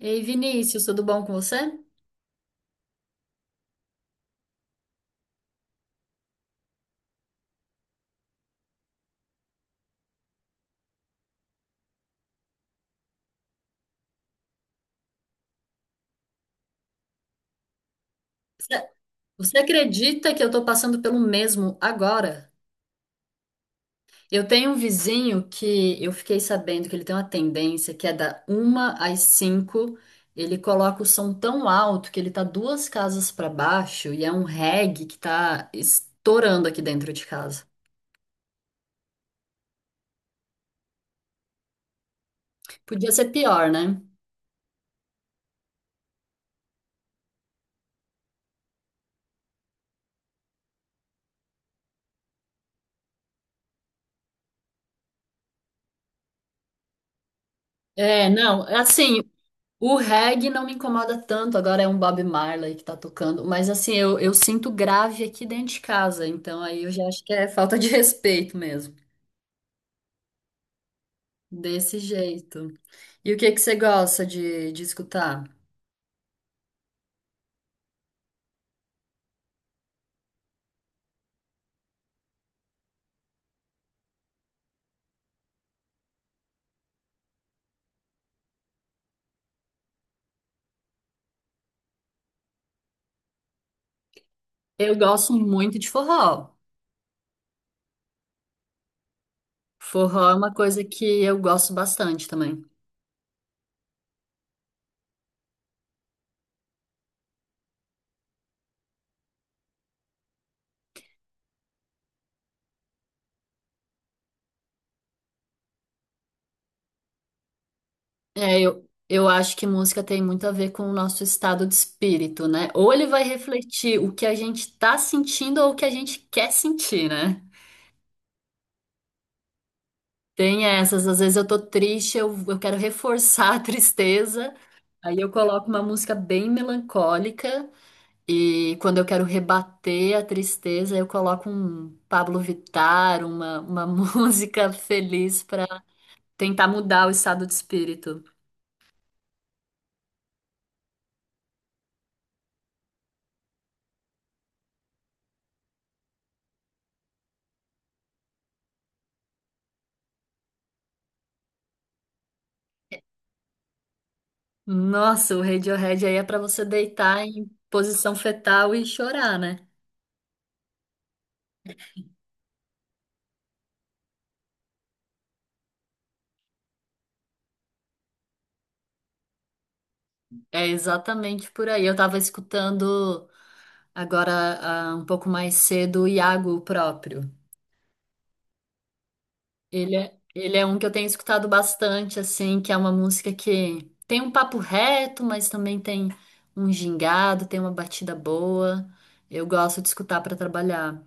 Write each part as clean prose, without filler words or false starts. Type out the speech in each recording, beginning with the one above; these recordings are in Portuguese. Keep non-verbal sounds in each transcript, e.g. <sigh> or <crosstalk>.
Ei, Vinícius, tudo bom com você? Você você acredita que eu tô passando pelo mesmo agora? Eu tenho um vizinho que eu fiquei sabendo que ele tem uma tendência que é da uma às cinco, ele coloca o som tão alto que ele tá duas casas pra baixo e é um reggae que tá estourando aqui dentro de casa. Podia ser pior, né? É, não, assim, o reggae não me incomoda tanto, agora é um Bob Marley que tá tocando, mas assim, eu sinto grave aqui dentro de casa, então aí eu já acho que é falta de <laughs> respeito mesmo. Desse jeito. E o que que você gosta de escutar? Eu gosto muito de forró. Forró é uma coisa que eu gosto bastante também. É, eu acho que música tem muito a ver com o nosso estado de espírito, né? Ou ele vai refletir o que a gente tá sentindo ou o que a gente quer sentir, né? Tem essas, às vezes eu tô triste, eu quero reforçar a tristeza, aí eu coloco uma música bem melancólica, e quando eu quero rebater a tristeza, eu coloco um Pablo Vittar, uma <laughs> música feliz pra tentar mudar o estado de espírito. Nossa, o Radiohead aí é pra você deitar em posição fetal e chorar, né? É exatamente por aí. Eu tava escutando agora, um pouco mais cedo, o Iago próprio. Ele é um que eu tenho escutado bastante, assim, que é uma música que tem um papo reto, mas também tem um gingado, tem uma batida boa. Eu gosto de escutar para trabalhar.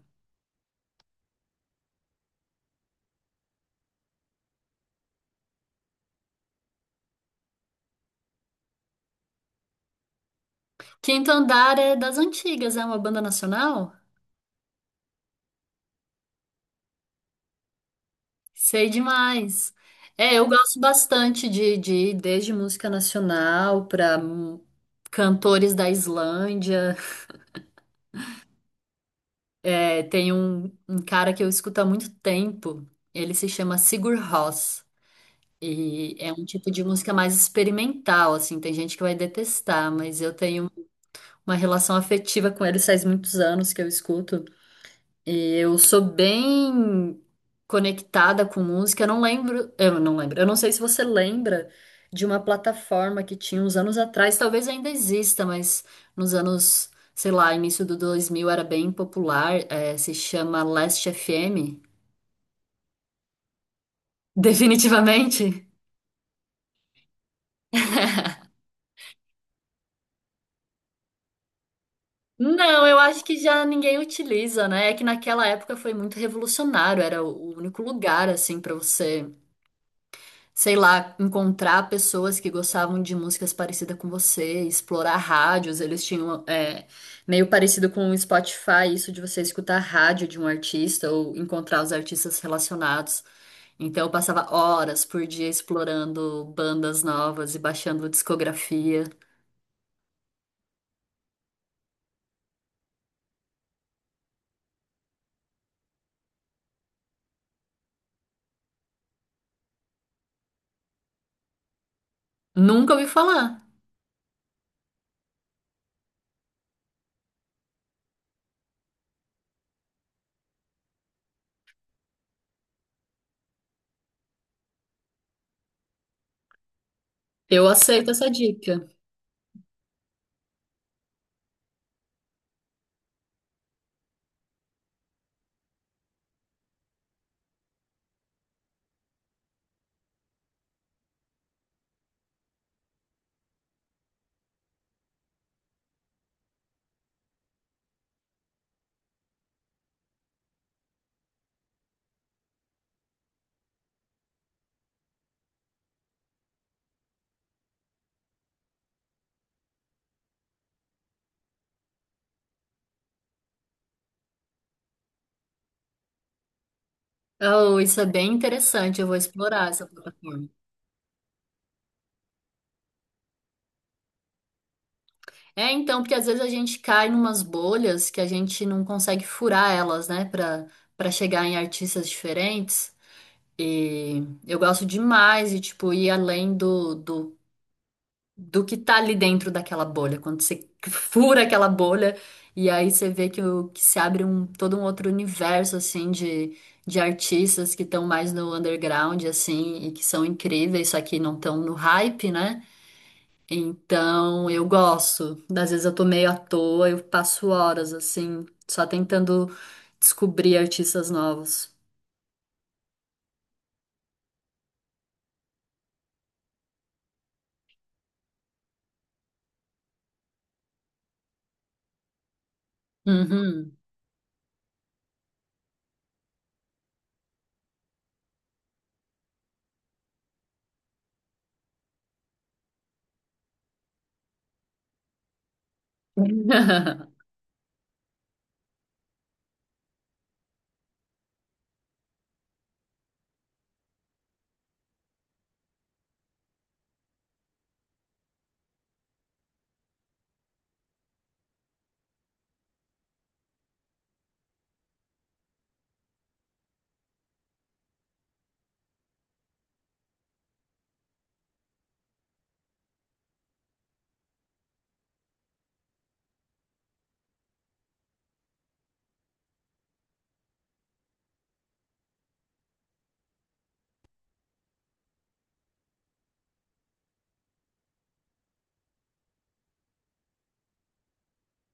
Quinto Andar é das antigas, é uma banda nacional? Sei demais. É, eu gosto bastante de ir desde música nacional para cantores da Islândia. É, tem um, um cara que eu escuto há muito tempo, ele se chama Sigur Rós. E é um tipo de música mais experimental, assim, tem gente que vai detestar, mas eu tenho uma relação afetiva com eles faz muitos anos que eu escuto. E eu sou bem conectada com música, eu não lembro, eu não sei se você lembra de uma plataforma que tinha uns anos atrás, talvez ainda exista, mas nos anos, sei lá, início do 2000 era bem popular, se chama Last FM, <laughs> definitivamente. Não, eu acho que já ninguém utiliza, né? É que naquela época foi muito revolucionário, era o único lugar assim pra você, sei lá, encontrar pessoas que gostavam de músicas parecidas com você, explorar rádios. Eles tinham meio parecido com o Spotify, isso de você escutar rádio de um artista ou encontrar os artistas relacionados. Então eu passava horas por dia explorando bandas novas e baixando discografia. Nunca ouvi falar. Eu aceito essa dica. Oh, isso é bem interessante, eu vou explorar essa plataforma. É, então, porque às vezes a gente cai numas bolhas que a gente não consegue furar elas, né, para para chegar em artistas diferentes. E eu gosto demais de, tipo, ir além do que tá ali dentro daquela bolha. Quando você <laughs> fura aquela bolha e aí você vê que, o, que se abre um, todo um outro universo, assim, de artistas que estão mais no underground, assim, e que são incríveis, só que não estão no hype, né? Então, eu gosto. Às vezes eu tô meio à toa, eu passo horas assim, só tentando descobrir artistas novos. Uhum. <laughs>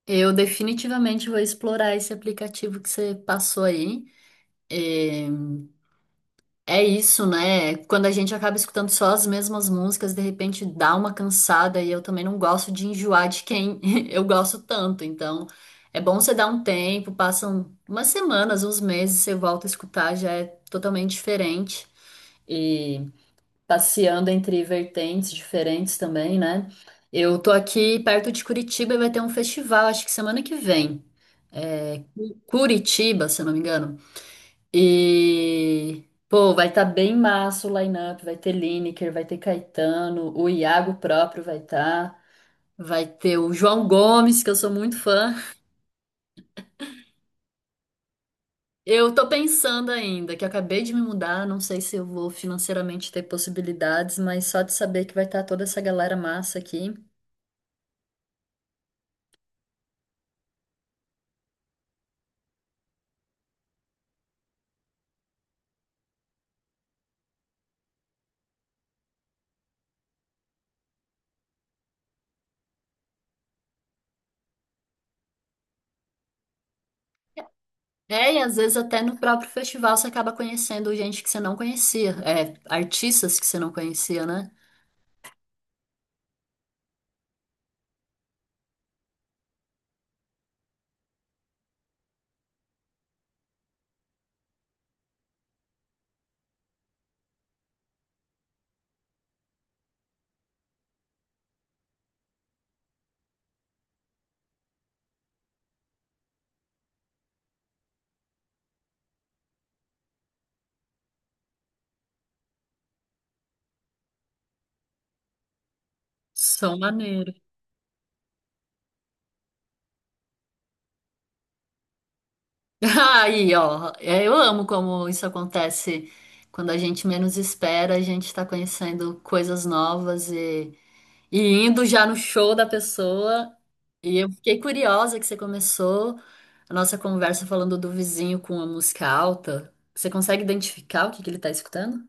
Eu definitivamente vou explorar esse aplicativo que você passou aí. É, é isso, né? Quando a gente acaba escutando só as mesmas músicas, de repente dá uma cansada e eu também não gosto de enjoar de quem <laughs> eu gosto tanto. Então, é bom você dar um tempo, passam umas semanas, uns meses, você volta a escutar, já é totalmente diferente. E passeando entre vertentes diferentes também, né? Eu tô aqui perto de Curitiba e vai ter um festival, acho que semana que vem. É, Cu- Curitiba, se eu não me engano. E, pô, vai estar bem massa o line-up. Vai ter Lineker, vai ter Caetano, o Iago próprio vai estar. Vai ter o João Gomes, que eu sou muito fã. Eu tô pensando ainda, que eu acabei de me mudar, não sei se eu vou financeiramente ter possibilidades, mas só de saber que vai estar toda essa galera massa aqui. É, e às vezes até no próprio festival você acaba conhecendo gente que você não conhecia, é, artistas que você não conhecia, né? São maneiros. <laughs> Aí, ó, é, eu amo como isso acontece quando a gente menos espera, a gente tá conhecendo coisas novas e indo já no show da pessoa. E eu fiquei curiosa que você começou a nossa conversa falando do vizinho com a música alta. Você consegue identificar o que que ele tá escutando?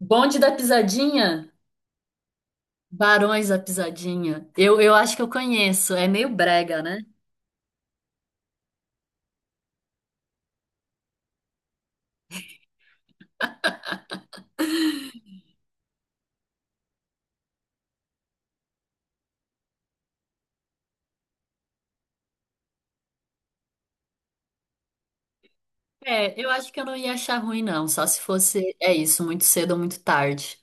Bonde da Pisadinha, Barões da Pisadinha. Eu acho que eu conheço, é meio brega, né? É, eu acho que eu não ia achar ruim, não, só se fosse, é isso, muito cedo ou muito tarde.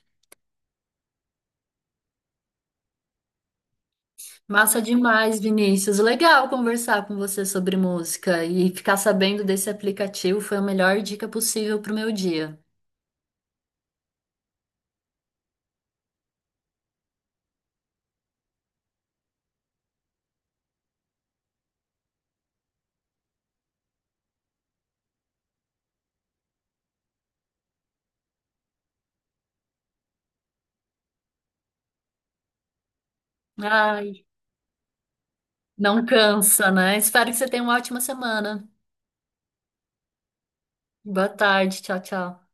Massa demais, Vinícius. Legal conversar com você sobre música e ficar sabendo desse aplicativo foi a melhor dica possível para o meu dia. Ai, não cansa, né? Espero que você tenha uma ótima semana. Boa tarde, tchau, tchau.